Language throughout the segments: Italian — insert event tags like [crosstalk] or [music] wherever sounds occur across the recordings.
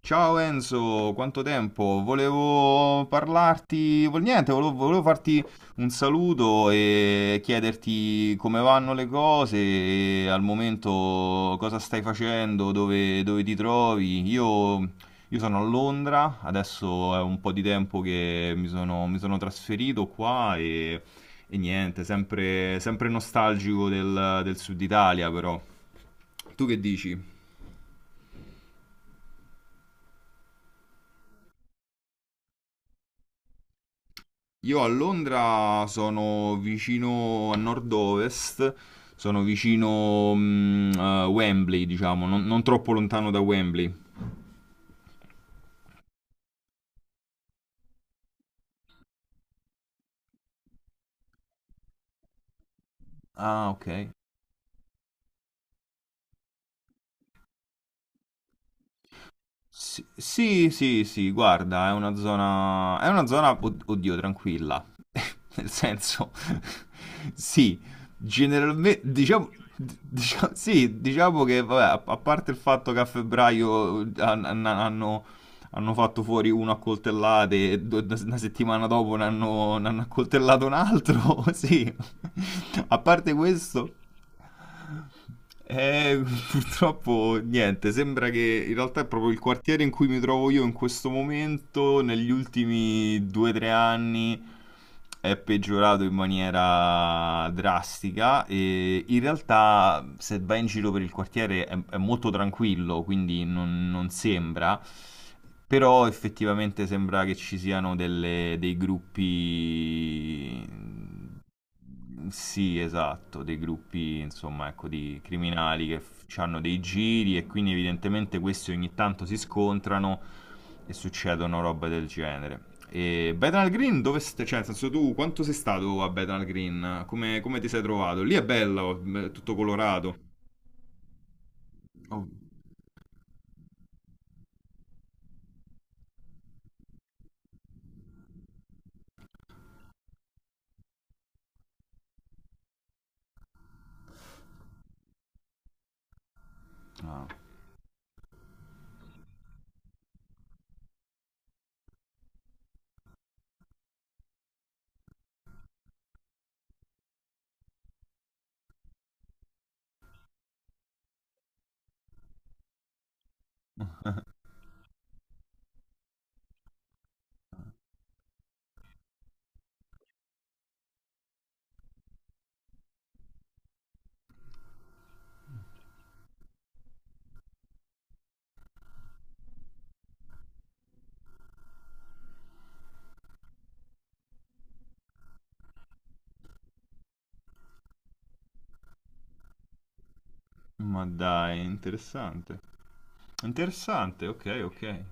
Ciao Enzo, quanto tempo? Volevo parlarti, vol- niente, volevo, volevo farti un saluto e chiederti come vanno le cose, e al momento cosa stai facendo, dove, dove ti trovi. Io sono a Londra, adesso è un po' di tempo che mi sono trasferito qua e niente, sempre, sempre nostalgico del sud Italia però. Tu che dici? Io a Londra sono vicino a nord-ovest, sono vicino a Wembley, diciamo, non troppo lontano da Wembley. Ah, ok. Sì, sì, sì, sì, guarda, è una zona, oddio, tranquilla. [laughs] Nel senso, [laughs] sì, generalmente, diciamo, [laughs] sì, diciamo che, vabbè, a parte il fatto che a febbraio hanno hanno fatto fuori uno a coltellate e una settimana dopo ne hanno accoltellato un altro, [laughs] sì. A parte questo, eh, purtroppo niente, sembra che in realtà è proprio il quartiere in cui mi trovo io in questo momento, negli ultimi 2-3 anni, è peggiorato in maniera drastica e in realtà se vai in giro per il quartiere è molto tranquillo, quindi non sembra. Però effettivamente sembra che ci siano dei gruppi... Sì, esatto, dei gruppi, insomma, ecco, di criminali che hanno dei giri e quindi evidentemente questi ogni tanto si scontrano e succedono robe del genere. E Bethnal Green, dove stai? Cioè, nel senso tu quanto sei stato a Bethnal Green? Come, come ti sei trovato? Lì è bello, è tutto colorato. Oh. Ah. Ma dai, interessante. Interessante, ok, ok.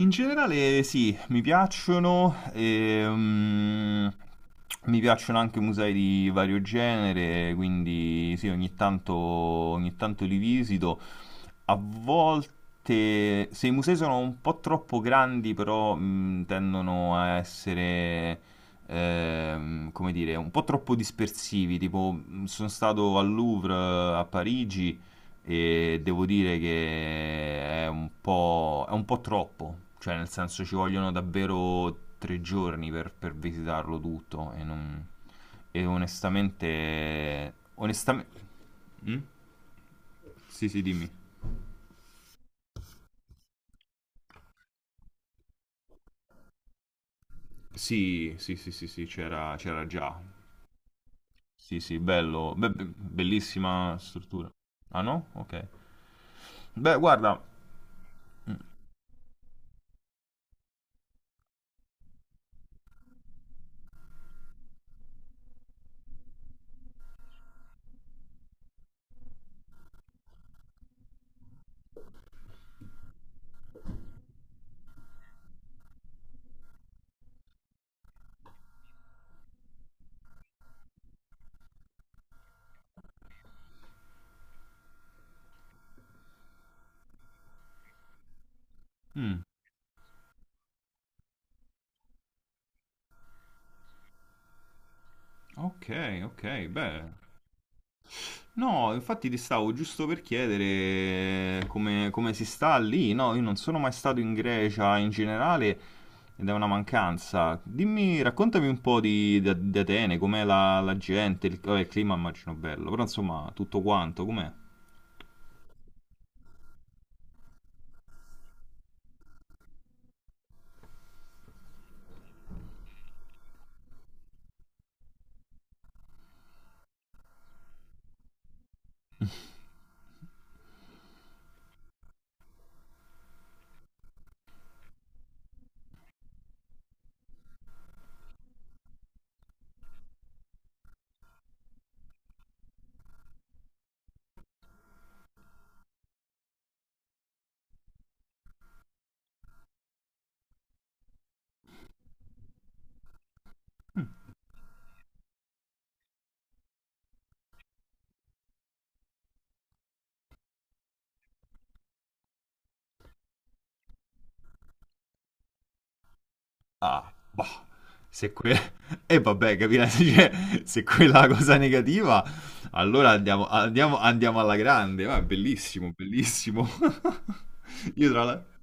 In generale sì, mi piacciono anche musei di vario genere, quindi sì, ogni tanto li visito. A volte, se i musei sono un po' troppo grandi, però tendono a essere, come dire, un po' troppo dispersivi. Tipo, sono stato al Louvre a Parigi e devo dire che è un po' troppo, cioè nel senso ci vogliono davvero tre giorni per visitarlo tutto e. e onestamente... onestamente... Mm? Sì, sì, dimmi. Sì, sì, sì, sì, sì, c'era già. Sì, sì, bello. Beh, bellissima struttura. Ah no? Ok. Beh, guarda. Mm, mm. Ok, ok, beh. No, infatti ti stavo giusto per chiedere come, come si sta lì. No, io non sono mai stato in Grecia in generale ed è una mancanza. Dimmi, raccontami un po' di, di Atene, com'è la, la gente, il, vabbè, il clima immagino bello, però insomma tutto quanto, com'è? Ah, boh, se quella... [laughs] E vabbè, capirai, [laughs] cioè, se quella è la cosa negativa, allora andiamo, andiamo, andiamo alla grande, va, bellissimo, bellissimo. [laughs] Io tra l'altro...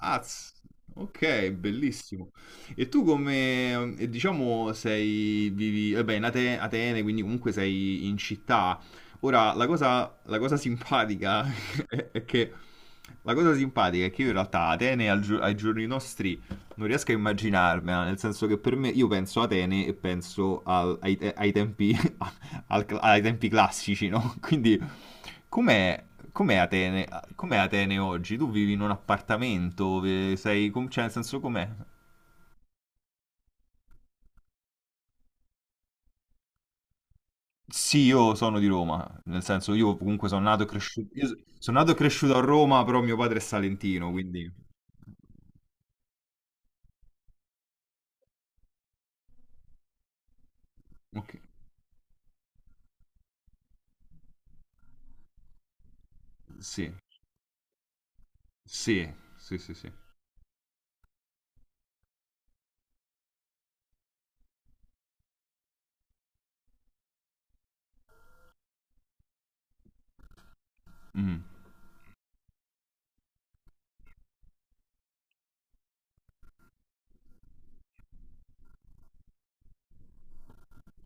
Ah, ok, bellissimo. E tu come, diciamo, sei, vivi, vabbè, in Atene, quindi comunque sei in città. Ora, la cosa simpatica [laughs] è che, la cosa simpatica è che io in realtà a Atene al ai giorni nostri non riesco a immaginarmela, nel senso che per me io penso a Atene e penso ai, ai tempi, [laughs] ai tempi classici, no? [laughs] Quindi com'è, com'è Atene, com'è Atene oggi? Tu vivi in un appartamento, sei, cioè nel senso com'è? Sì, io sono di Roma, nel senso io comunque sono nato e cresciuto, io sono nato e cresciuto a Roma, però mio padre è salentino, quindi... Ok, sì, sì, sì, sì, sì. Mm.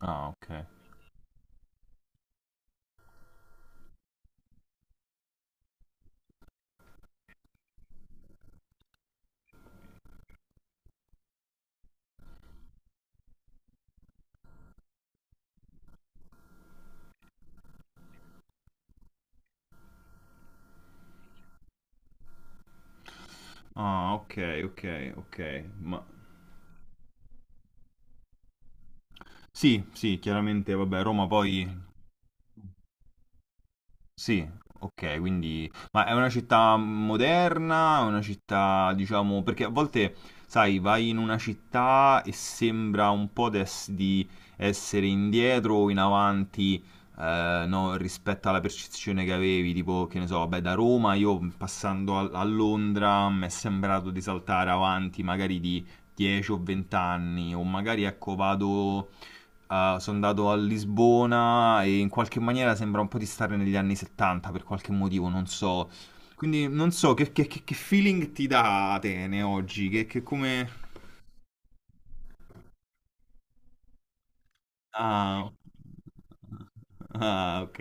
Ah, ok. Ah, ok, ok, ok. Ma sì, sì, chiaramente, vabbè, Roma poi... Sì, ok, quindi... Ma è una città moderna, è una città, diciamo... Perché a volte, sai, vai in una città e sembra un po' di essere indietro o in avanti, no, rispetto alla percezione che avevi, tipo, che ne so, vabbè, da Roma io passando a Londra mi è sembrato di saltare avanti magari di 10 o 20 anni, o magari, ecco, vado... sono andato a Lisbona e in qualche maniera sembra un po' di stare negli anni 70 per qualche motivo, non so. Quindi non so che, che feeling ti dà Atene oggi, che come... Ah, ah, ok.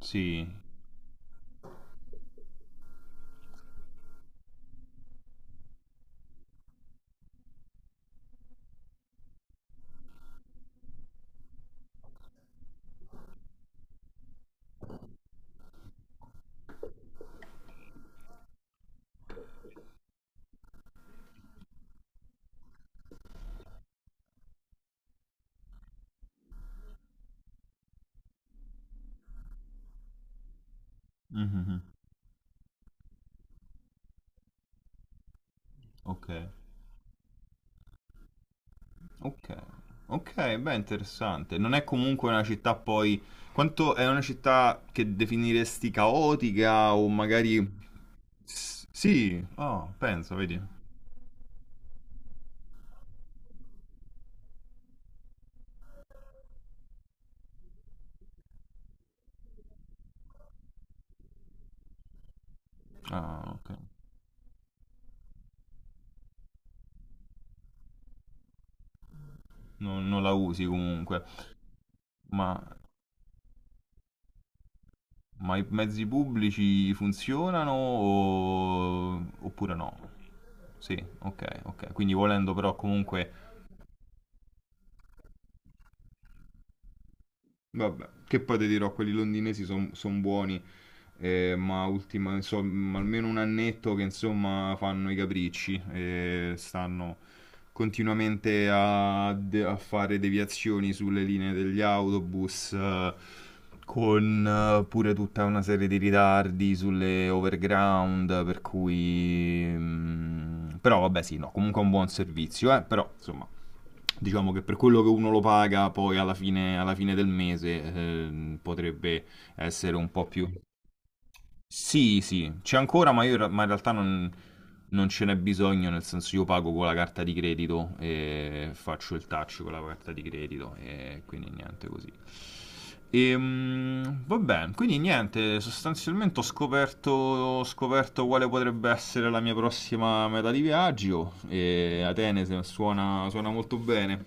Sì. Mhm. Ok. Ok. Ok, beh, interessante. Non è comunque una città poi... Quanto è una città che definiresti caotica o magari... Sì, oh, penso, vedi. Ah, ok. Non non la usi comunque, ma, ma i mezzi pubblici funzionano oppure no? Sì, ok, ok. Quindi volendo però comunque vabbè, che poi ti dirò, quelli londinesi sono buoni, ma ultima, insomma, almeno un annetto che insomma fanno i capricci e stanno continuamente a fare deviazioni sulle linee degli autobus, con pure tutta una serie di ritardi sulle overground, per cui... però vabbè sì, no, comunque è un buon servizio, però insomma diciamo che per quello che uno lo paga poi alla fine del mese potrebbe essere un po' più... Sì, sì, c'è ancora, ma, io, ma in realtà non, non ce n'è bisogno, nel senso io pago con la carta di credito e faccio il touch con la carta di credito e quindi niente così. Va bene, quindi niente, sostanzialmente ho scoperto quale potrebbe essere la mia prossima meta di viaggio e Atene suona, suona molto bene.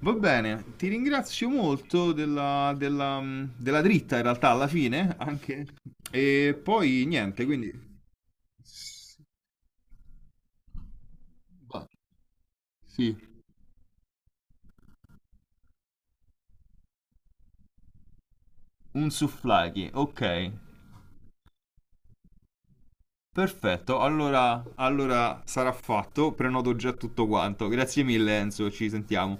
Va bene, ti ringrazio molto della, della dritta in realtà alla fine, anche. E poi niente, quindi... S- va- Sì, un souvlaki, ok, perfetto, allora, allora sarà fatto, prenoto già tutto quanto. Grazie mille Enzo, ci sentiamo.